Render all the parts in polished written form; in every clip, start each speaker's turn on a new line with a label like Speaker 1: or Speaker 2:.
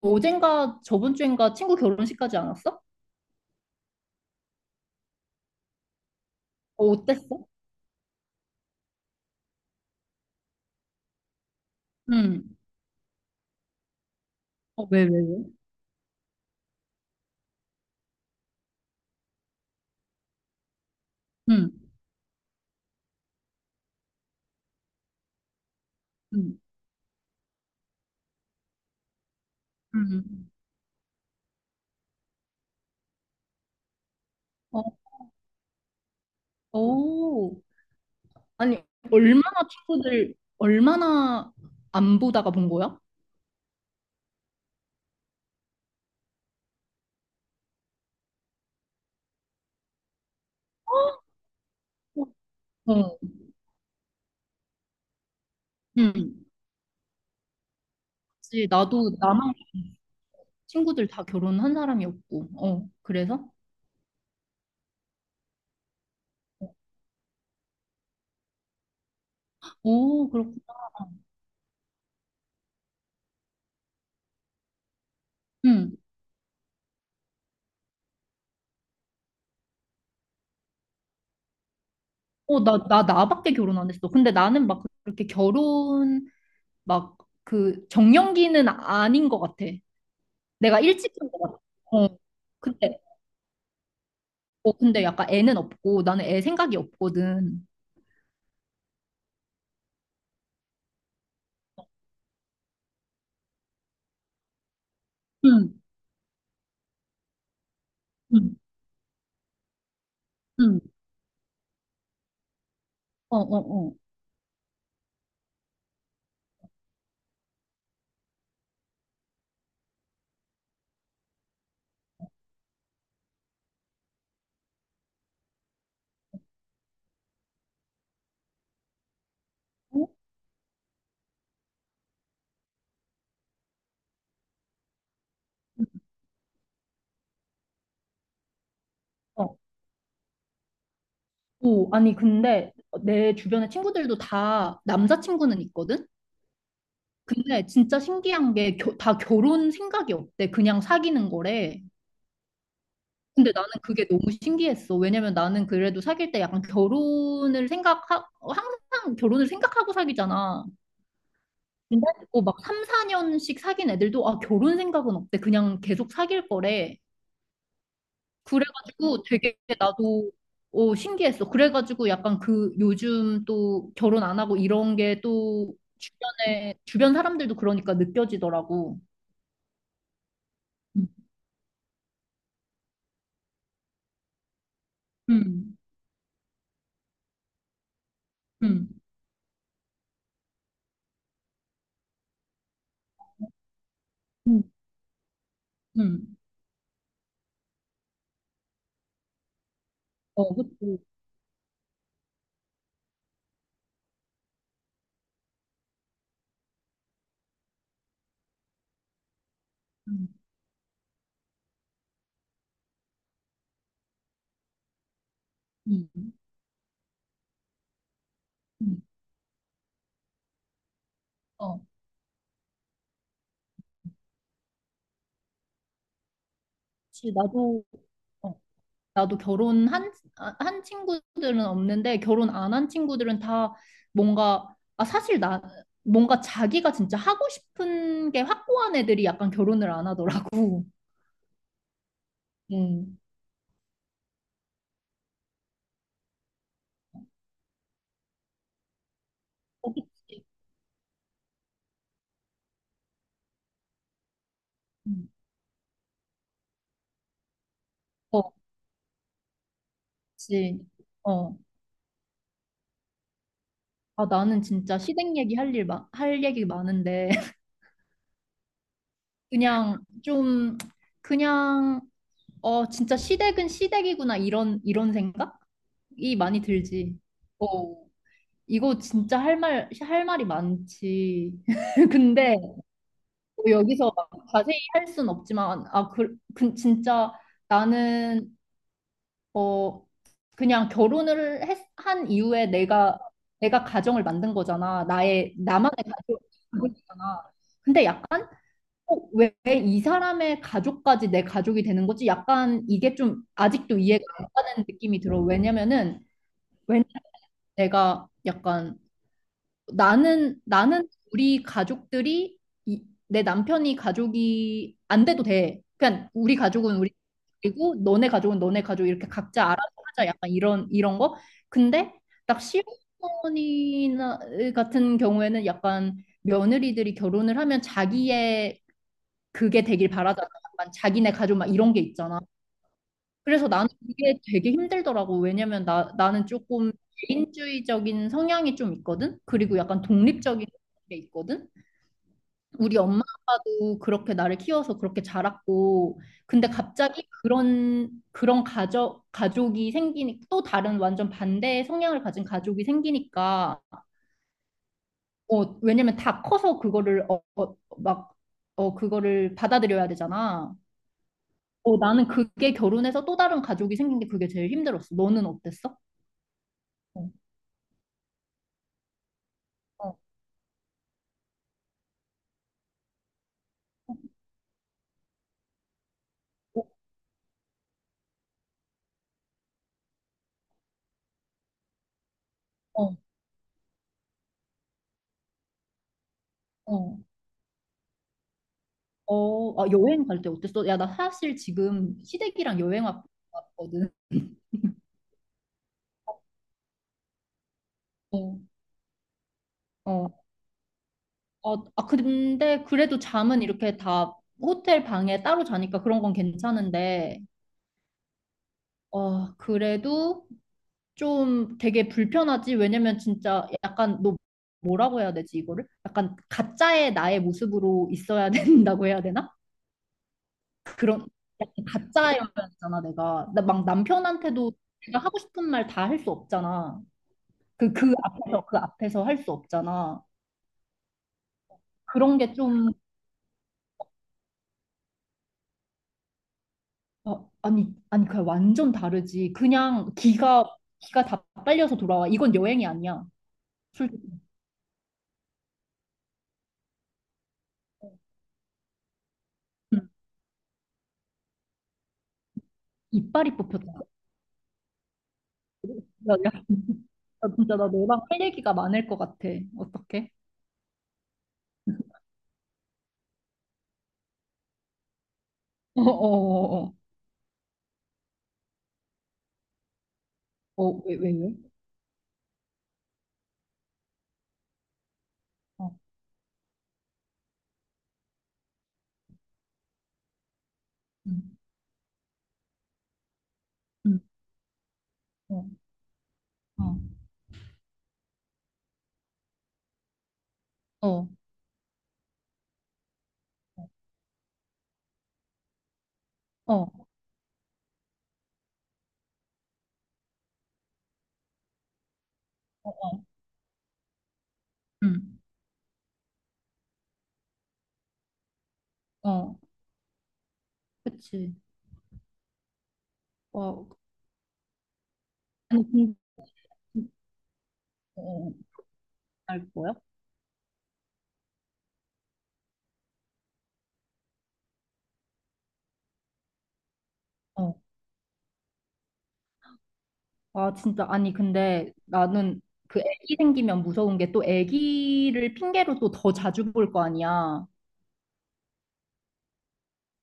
Speaker 1: 어젠가 저번 주인가 친구 결혼식까지 안 왔어? 어, 어땠어? 응. 어, 왜, 왜, 왜? 응, 응, 응. 어, 오. 아니, 얼마나 친구들, 얼마나 안 보다가 본 거야? 어, 응. 그치, 나도 나만 친구들 다 결혼한 사람이었고, 어, 그래서? 오, 그렇구나. 응. 어, 나밖에 결혼 안 했어. 근데 나는 막 그렇게 결혼, 막 그 정년기는 아닌 것 같아. 내가 일찍 산 거 같아. 어. 근데, 어, 근데 약간 애는 없고, 나는 애 생각이 없거든. 응, 응, 응. 어, 어, 어. 어? 어. 오, 아니, 근데 내 주변의 친구들도 다 남자친구는 있거든? 근데 진짜 신기한 게, 다 결혼 생각이 없대. 그냥 사귀는 거래. 근데 나는 그게 너무 신기했어. 왜냐면 나는 그래도 사귈 때 약간 항상 결혼을 생각하고 사귀잖아. 근데 듣막 3, 4년씩 사귄 애들도 아 결혼 생각은 없대. 그냥 계속 사귈 거래. 그래가지고 되게 나도 어, 신기했어. 그래가지고 약간 그 요즘 또 결혼 안 하고 이런 게 또 주변 사람들도 그러니까 느껴지더라고. 음, 음, 음, 음. 음. 어, 그치. 음, 음, 음. 어, 그치. 나도 어. 나도 결혼한 아, 한 친구들은 없는데 결혼 안 한 친구들은 다 뭔가 아 사실 나 뭔가 자기가 진짜 하고 싶은 게 확고한 애들이 약간 결혼을 안 하더라고. 음. 어, 그치. 음. 어, 그치. 어. 아, 나는 진짜 시댁 얘기 할 얘기 많은데, 그냥 좀, 그냥, 어, 진짜 시댁은 시댁이구나, 이런, 이런 생각이 많이 들지. 어. 이거 진짜 할 말이 많지. 근데 뭐 여기서 막 자세히 할 순 없지만, 아, 그, 그, 진짜 나는, 어, 그냥 결혼을 한 이후에 내가, 내가 가정을 만든 거잖아. 나의, 나만의 가족이잖아. 근데 약간, 어, 왜 이 사람의 가족까지 내 가족이 되는 거지? 약간 이게 좀 아직도 이해가 안 가는 느낌이 들어. 왜냐면은, 왜 내가 약간, 나는 우리 가족들이 이, 내 남편이 가족이 안 돼도 돼. 그냥 우리 가족은 우리 그리고 너네 가족은 너네 가족 이렇게 각자 알아서 하자. 약간 이런 이런 거. 근데 딱 시어머니나 같은 경우에는 약간 며느리들이 결혼을 하면 자기의 그게 되길 바라잖아. 약간 자기네 가족 막 이런 게 있잖아. 그래서 나는 이게 되게 힘들더라고. 왜냐면 나는 조금 개인주의적인 성향이 좀 있거든? 그리고 약간 독립적인 게 있거든? 우리 엄마 아빠도 그렇게 나를 키워서 그렇게 자랐고, 근데 갑자기 그런, 그런 가족이 생기니, 또 다른 완전 반대의 성향을 가진 가족이 생기니까, 어, 왜냐면 다 커서 그거를, 어, 어, 막, 어, 그거를 받아들여야 되잖아. 어, 나는 그게 결혼해서 또 다른 가족이 생긴 게 그게 제일 힘들었어. 너는 어땠어? 어, 어, 어, 어. 어, 아, 여행 갈 때 어땠어? 야, 나 사실 지금 시댁이랑 왔거든. 어, 어. 근데 그래도 잠은 이렇게 다 호텔 방에 따로 자니까 그런 건 괜찮은데, 어, 그래도 좀 되게 불편하지? 왜냐면 진짜 약간 너 뭐라고 해야 되지, 이거를? 약간 가짜의 나의 모습으로 있어야 된다고 해야 되나? 그런 약간 가짜여야잖아 내가 나 막 남편한테도 내가 하고 싶은 말 다 할 수 없잖아 그 앞에서 할 수 없잖아 그런 게좀 어, 아니 아니 그냥 완전 다르지 그냥 기가 다 빨려서 돌아와 이건 여행이 아니야 솔직히 음, 이빨이 뽑혔다 야, 야, 나 진짜 나 너랑 할 얘기가 많을 것 같아 어떡해 어어어어 어왜왜 왜? 왜, 왜? 어, 음, 음, 어, 어, 어, 어, 어, 어, 음. 어, 그치. 와, 아니, 근데, 어, 알 거야? 어. 아, 진짜. 아니, 근데 나는 그 애기 생기면 무서운 게 또 애기를 핑계로 또 더 자주 볼 거 아니야.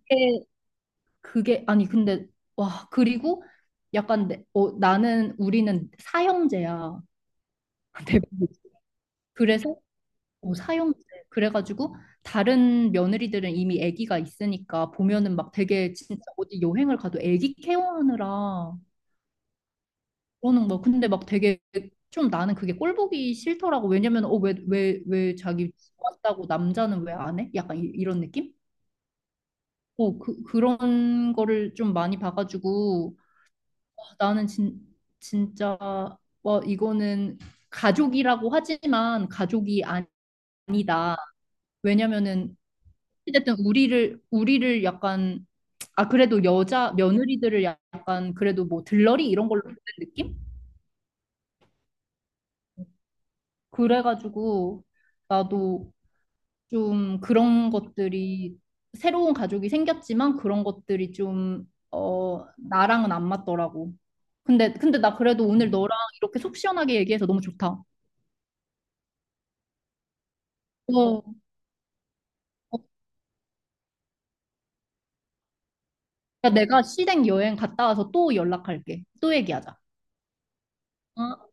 Speaker 1: 그게, 그게, 아니, 근데, 와, 그리고 약간, 내, 어, 나는, 우리는 사형제야. 대부분. 그래서, 어, 사형제. 그래가지고, 다른 며느리들은 이미 애기가 있으니까 보면은 막 되게 진짜 어디 여행을 가도 애기 케어하느라 그러는 거. 근데 막 되게 좀 나는 그게 꼴 보기 싫더라고. 왜냐면 어, 왜, 왜, 왜 자기 왔다고 남자는 왜 안 해? 약간 이, 이런 느낌? 어, 그, 그런 거를 좀 많이 봐가지고 와, 나는 진짜 와, 이거는 가족이라고 하지만 가족이 아니다. 왜냐면은 어쨌든 우리를 약간 아 그래도 여자 며느리들을 약간 그래도 뭐 들러리 이런 걸로 보는 느낌? 그래가지고 나도 좀 그런 것들이 새로운 가족이 생겼지만 그런 것들이 좀 어, 나랑은 안 맞더라고. 근데 근데 나 그래도 오늘 너랑 이렇게 속 시원하게 얘기해서 너무 좋다. 어, 어, 내가 시댁 여행 갔다 와서 또 연락할게. 또 얘기하자. 어.